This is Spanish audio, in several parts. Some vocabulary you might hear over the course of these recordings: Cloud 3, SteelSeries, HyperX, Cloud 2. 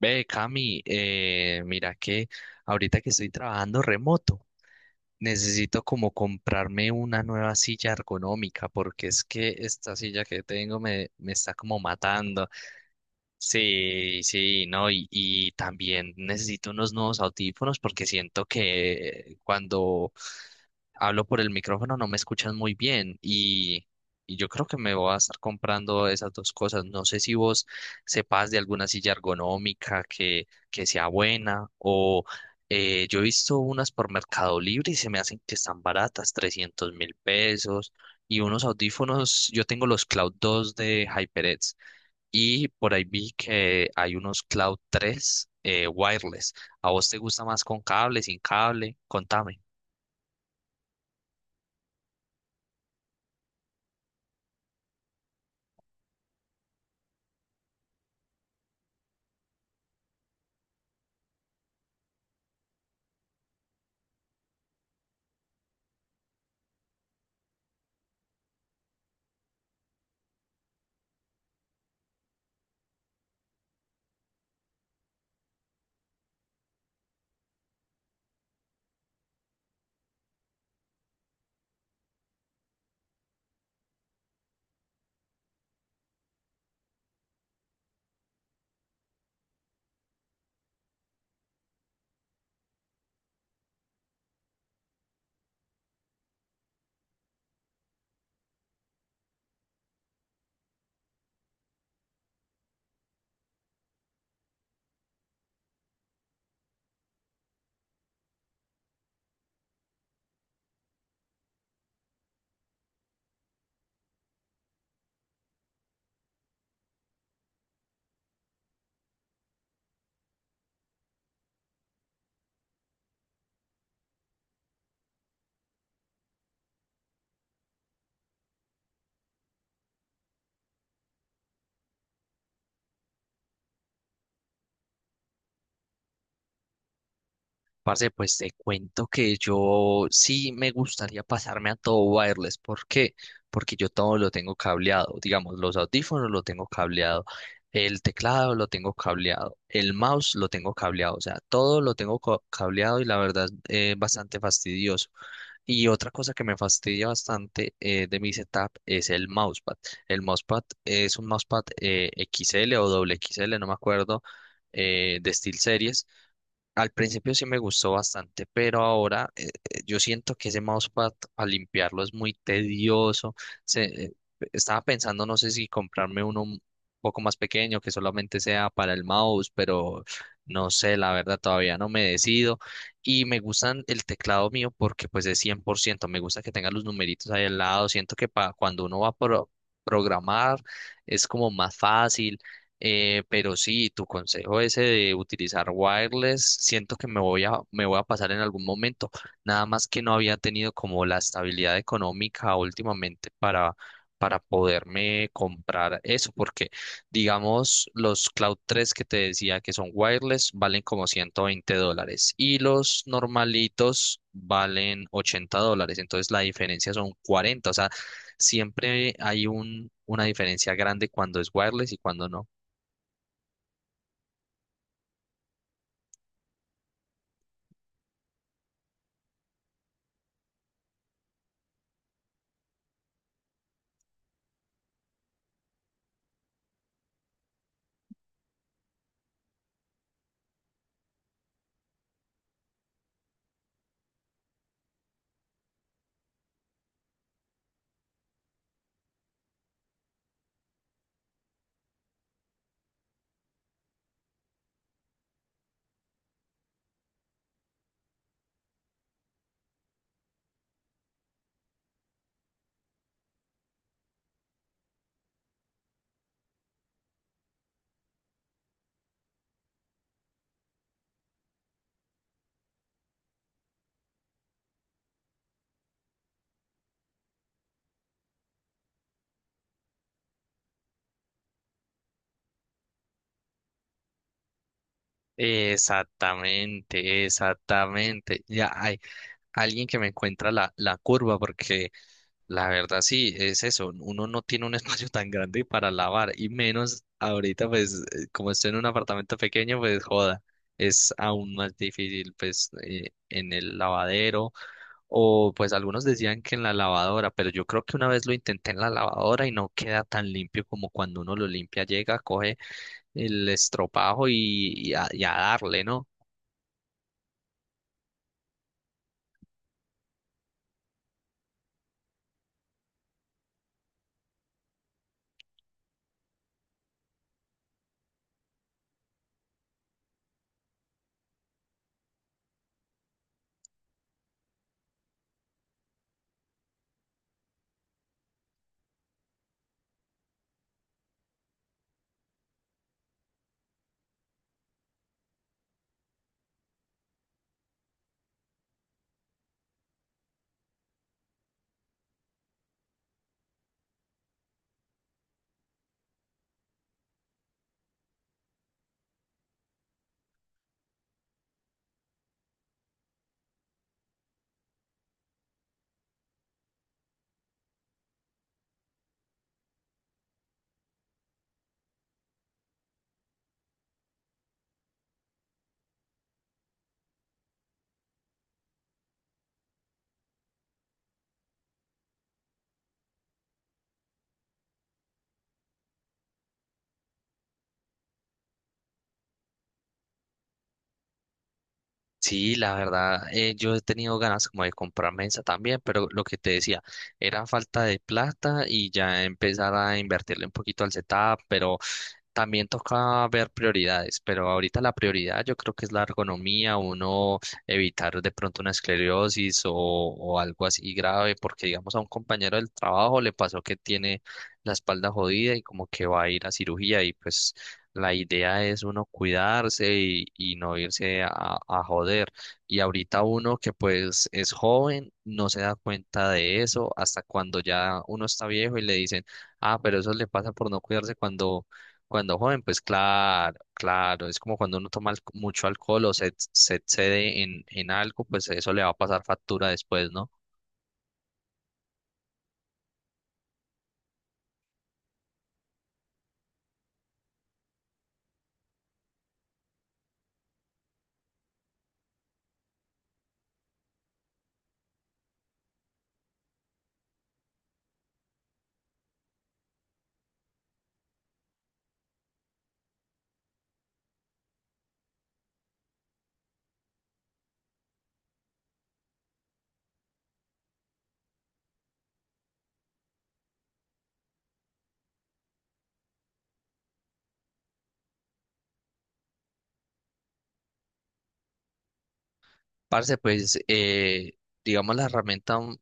Ve, Cami, mira que ahorita que estoy trabajando remoto, necesito como comprarme una nueva silla ergonómica porque es que esta silla que tengo me está como matando. Sí, sí, no, y también necesito unos nuevos audífonos porque siento que cuando hablo por el micrófono no me escuchan muy bien y yo creo que me voy a estar comprando esas dos cosas. No sé si vos sepas de alguna silla ergonómica que sea buena o yo he visto unas por Mercado Libre y se me hacen que están baratas, 300.000 pesos y unos audífonos, yo tengo los Cloud 2 de HyperX y por ahí vi que hay unos Cloud 3 wireless. ¿A vos te gusta más con cable, sin cable? Contame. Parce, pues te cuento que yo sí me gustaría pasarme a todo wireless. ¿Por qué? Porque yo todo lo tengo cableado. Digamos, los audífonos lo tengo cableado. El teclado lo tengo cableado. El mouse lo tengo cableado. O sea, todo lo tengo co- cableado y la verdad es bastante fastidioso. Y otra cosa que me fastidia bastante de mi setup es el mousepad. El mousepad es un mousepad XL o doble XL, no me acuerdo, de SteelSeries. Al principio sí me gustó bastante, pero ahora yo siento que ese mousepad al limpiarlo es muy tedioso. Se, eh, Estaba pensando, no sé si comprarme uno un poco más pequeño que solamente sea para el mouse, pero no sé, la verdad todavía no me decido. Y me gustan el teclado mío porque pues es 100%. Me gusta que tenga los numeritos ahí al lado. Siento que pa- cuando uno va a pro- programar es como más fácil pero sí, tu consejo ese de utilizar wireless, siento que me voy a pasar en algún momento. Nada más que no había tenido como la estabilidad económica últimamente para poderme comprar eso, porque digamos los Cloud 3 que te decía que son wireless valen como 120 dólares y los normalitos valen 80 dólares. Entonces la diferencia son cuarenta, o sea, siempre hay una diferencia grande cuando es wireless y cuando no. Exactamente, exactamente. Ya hay alguien que me encuentra la curva, porque la verdad sí, es eso, uno no tiene un espacio tan grande para lavar, y menos ahorita, pues, como estoy en un apartamento pequeño, pues joda, es aún más difícil, pues, en el lavadero, o pues algunos decían que en la lavadora, pero yo creo que una vez lo intenté en la lavadora y no queda tan limpio como cuando uno lo limpia, llega, coge el estropajo y, y a darle, ¿no? Sí, la verdad, yo he tenido ganas como de comprar mesa también, pero lo que te decía, era falta de plata y ya empezar a invertirle un poquito al setup, pero también toca ver prioridades, pero ahorita la prioridad yo creo que es la ergonomía, uno evitar de pronto una esclerosis o algo así grave, porque digamos a un compañero del trabajo le pasó que tiene la espalda jodida y como que va a ir a cirugía y pues la idea es uno cuidarse y no irse a joder. Y ahorita uno que pues es joven no se da cuenta de eso hasta cuando ya uno está viejo y le dicen, ah, pero eso le pasa por no cuidarse cuando joven, pues claro, claro, es como cuando uno toma alco- mucho alcohol o se excede en algo, pues eso le va a pasar factura después, ¿no? Parce, pues, digamos, la herramienta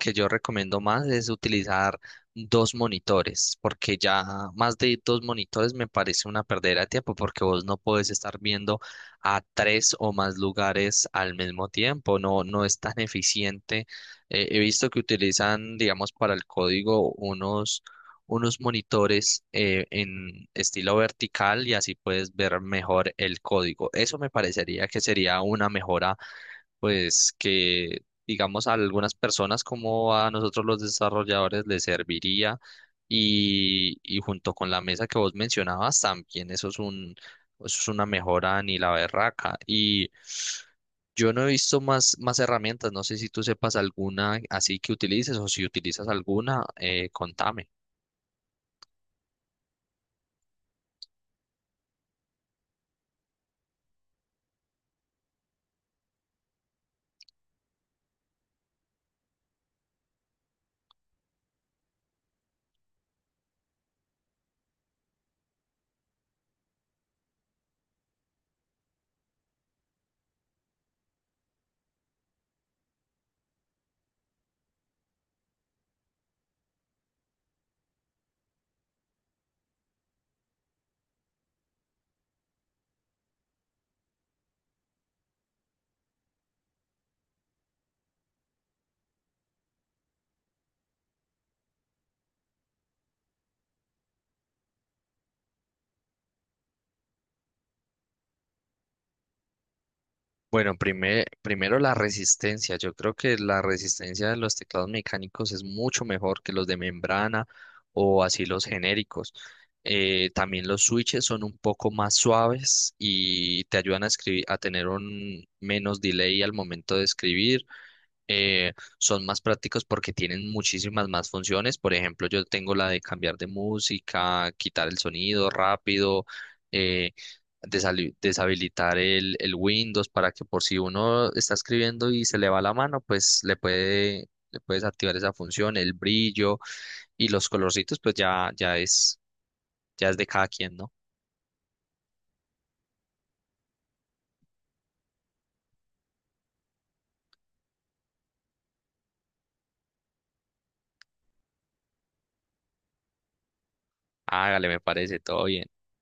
que yo recomiendo más es utilizar dos monitores, porque ya más de dos monitores me parece una perdera de tiempo, porque vos no puedes estar viendo a tres o más lugares al mismo tiempo, no, no es tan eficiente. He visto que utilizan, digamos, para el código unos monitores en estilo vertical y así puedes ver mejor el código. Eso me parecería que sería una mejora pues que digamos a algunas personas como a nosotros los desarrolladores les serviría y junto con la mesa que vos mencionabas también eso es una mejora ni la berraca y yo no he visto más herramientas, no sé si tú sepas alguna así que utilices o si utilizas alguna, contame. Bueno, primero la resistencia. Yo creo que la resistencia de los teclados mecánicos es mucho mejor que los de membrana o así los genéricos. También los switches son un poco más suaves y te ayudan a escribir, a tener un menos delay al momento de escribir, eh, son más prácticos porque tienen muchísimas más funciones. Por ejemplo, yo tengo la de cambiar de música, quitar el sonido rápido, eh, desali- deshabilitar el Windows para que por si uno está escribiendo y se le va la mano, pues le puedes activar esa función, el brillo y los colorcitos, pues ya, ya es de cada quien, ¿no? Hágale, me parece, todo bien.